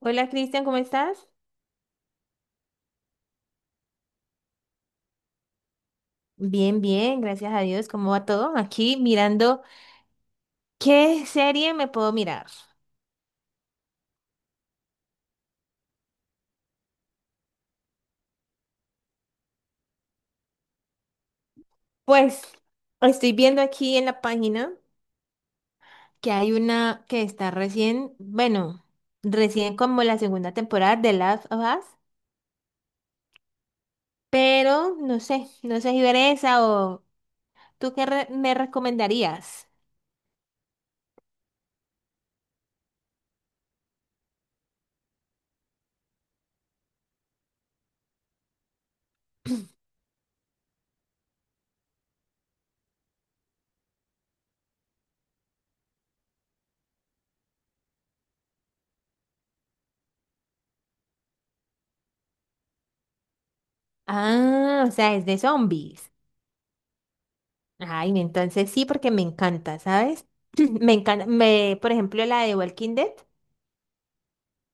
Hola, Cristian, ¿cómo estás? Bien, bien, gracias a Dios. ¿Cómo va todo? Aquí mirando qué serie me puedo mirar. Pues estoy viendo aquí en la página que hay una que está recién, bueno, recién como la segunda temporada de Last of Us, pero no sé, no sé si ver esa o tú qué me recomendarías. Ah, o sea, es de zombies. Ay, entonces sí, porque me encanta, ¿sabes? Me encanta, por ejemplo, la de Walking Dead.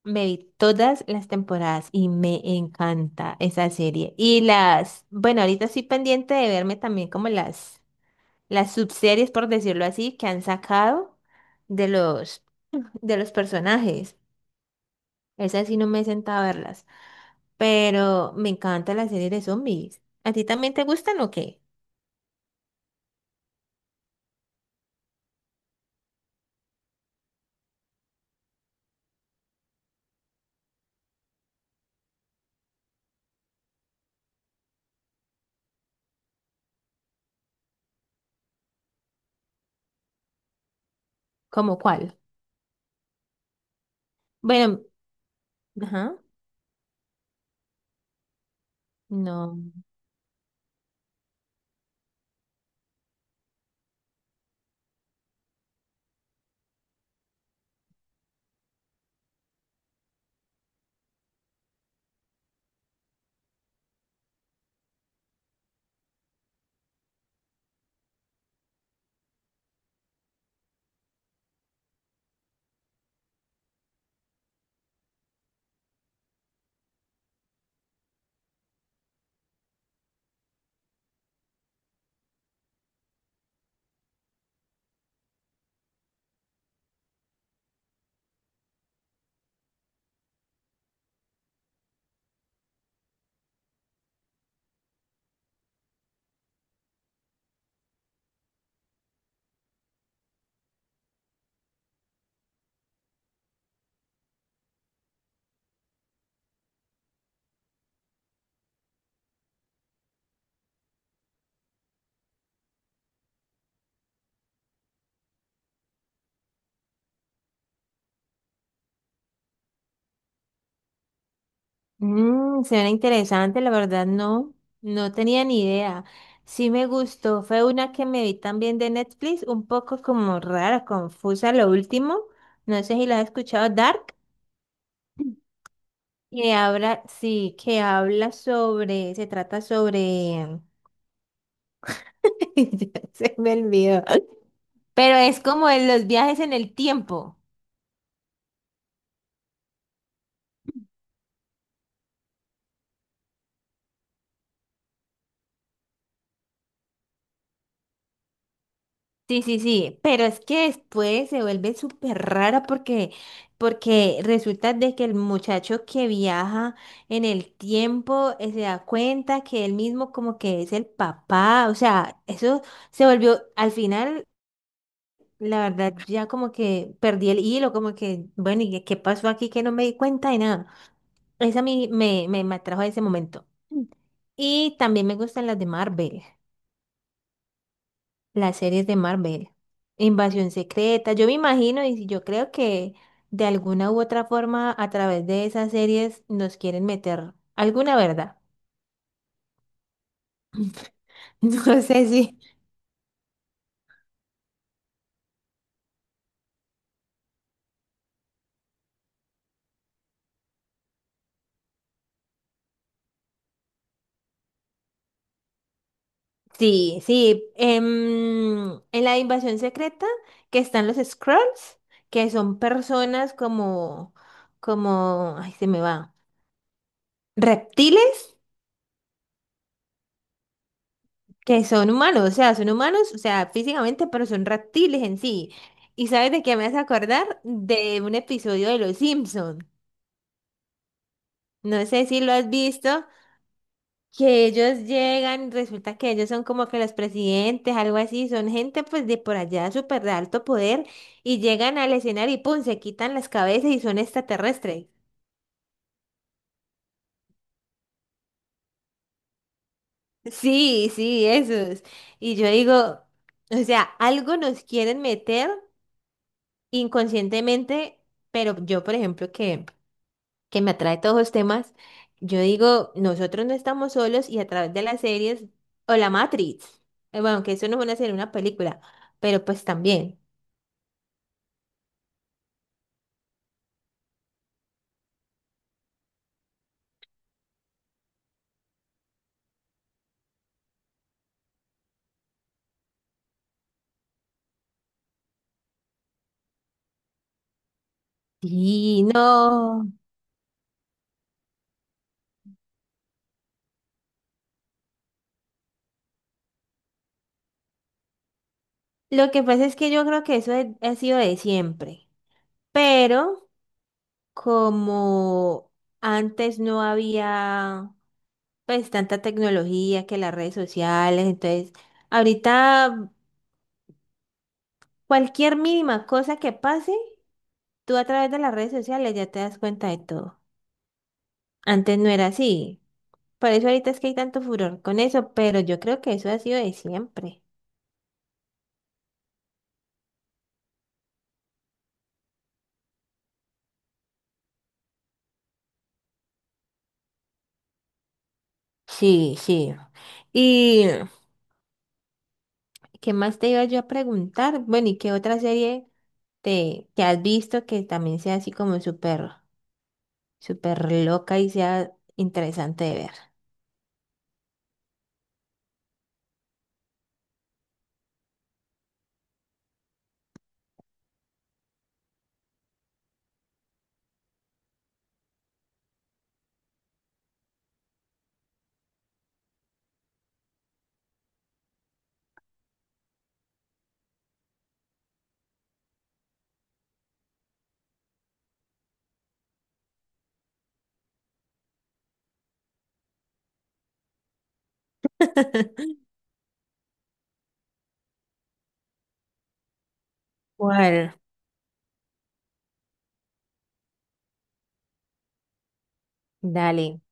Me vi todas las temporadas y me encanta esa serie. Y bueno, ahorita estoy pendiente de verme también como las subseries, por decirlo así, que han sacado de los, de los personajes. Esas sí no me he sentado a verlas. Pero me encanta la serie de zombies. ¿A ti también te gustan o qué? ¿Cómo cuál? Bueno, ajá, no. Mm, suena interesante, la verdad no, no tenía ni idea. Sí me gustó, fue una que me vi también de Netflix, un poco como rara, confusa, lo último. No sé si la has escuchado, Dark, que habla, sí, que habla sobre, se trata sobre, ya se me olvidó, pero es como en los viajes en el tiempo. Sí, sí, sí, pero es que después se vuelve súper rara porque resulta de que el muchacho que viaja en el tiempo se da cuenta que él mismo como que es el papá, o sea, eso se volvió, al final, la verdad, ya como que perdí el hilo, como que, bueno, ¿y qué pasó aquí que no me di cuenta de nada? Esa a mí me atrajo a ese momento. Y también me gustan las de Marvel. Las series de Marvel. Invasión secreta. Yo me imagino y si yo creo que de alguna u otra forma a través de esas series nos quieren meter alguna verdad. No sé si. Sí, sí. En la invasión secreta que están los Skrulls, que son personas como, ay, se me va. Reptiles que son humanos, o sea, son humanos, o sea, físicamente, pero son reptiles en sí. ¿Y sabes de qué me hace acordar? De un episodio de Los Simpson. No sé si lo has visto, que ellos llegan, resulta que ellos son como que los presidentes, algo así, son gente pues de por allá súper de alto poder y llegan al escenario y pum, se quitan las cabezas y son extraterrestres. Sí, sí, esos. Y yo digo, o sea, algo nos quieren meter inconscientemente, pero yo, por ejemplo, que me atrae todos los temas, yo digo, nosotros no estamos solos y a través de las series o la Matrix, bueno, que eso no es una serie, una película, pero pues también. Sí, no. Lo que pasa es que yo creo que eso ha sido de siempre, pero como antes no había pues tanta tecnología que las redes sociales, entonces ahorita cualquier mínima cosa que pase, tú a través de las redes sociales ya te das cuenta de todo. Antes no era así. Por eso ahorita es que hay tanto furor con eso, pero yo creo que eso ha sido de siempre. Sí, sí. ¿Y qué más te iba yo a preguntar? Bueno, ¿y qué otra serie que has visto que también sea así como súper, súper loca y sea interesante de ver? ¿Cuál? Dale.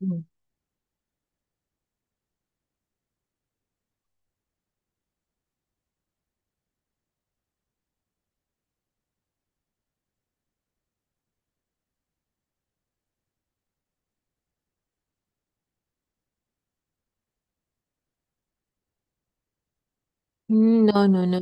Mm. No, no, no.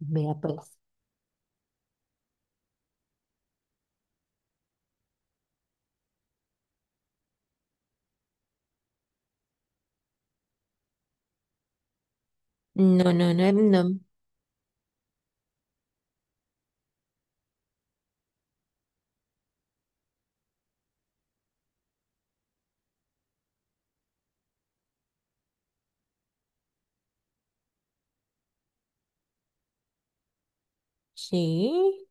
Vea pues. No, no, no, no. Sí.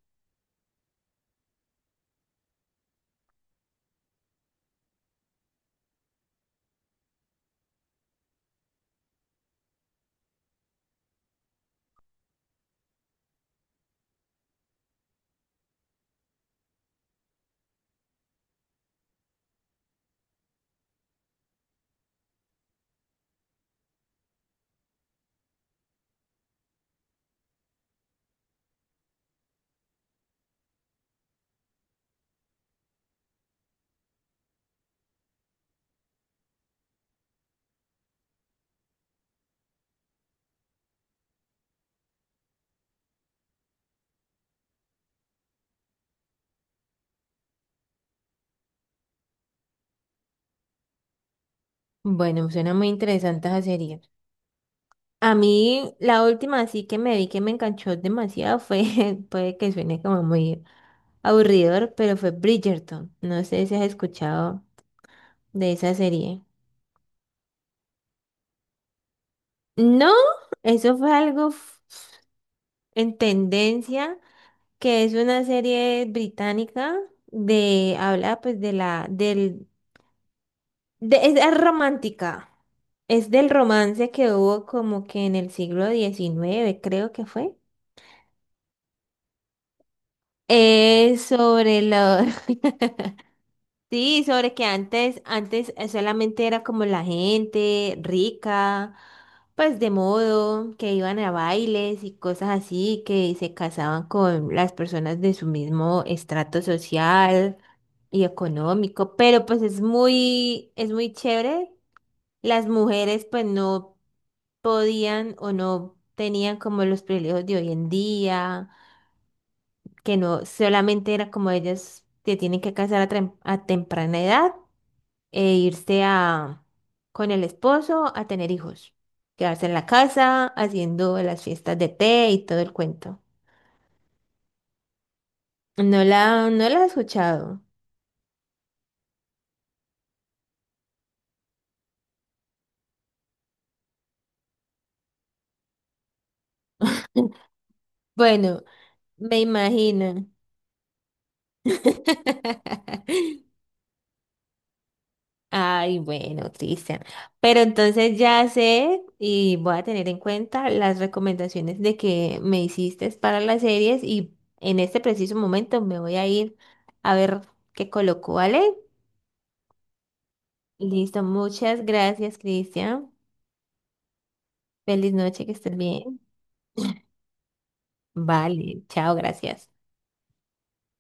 Bueno, suena muy interesante esa serie. A mí la última así que me vi que me enganchó demasiado fue, puede que suene como muy aburridor, pero fue Bridgerton. No sé si has escuchado de esa serie. No, eso fue algo en tendencia, que es una serie británica habla pues de la, del, de, es romántica. Es del romance que hubo como que en el siglo XIX creo que fue. Es sobre lo- Sí, sobre que antes, antes solamente era como la gente rica, pues de modo, que iban a bailes y cosas así, que se casaban con las personas de su mismo estrato social y económico, pero pues es muy chévere. Las mujeres pues no podían o no tenían como los privilegios de hoy en día, que no solamente era como ellas se tienen que casar a, a temprana edad e irse a, con el esposo a tener hijos, quedarse en la casa haciendo las fiestas de té y todo el cuento. No la he escuchado. Bueno, me imagino. Ay, bueno, Cristian. Pero entonces ya sé y voy a tener en cuenta las recomendaciones de que me hiciste para las series y en este preciso momento me voy a ir a ver qué coloco, ¿vale? Listo, muchas gracias, Cristian. Feliz noche, que estés bien. Vale, chao, gracias.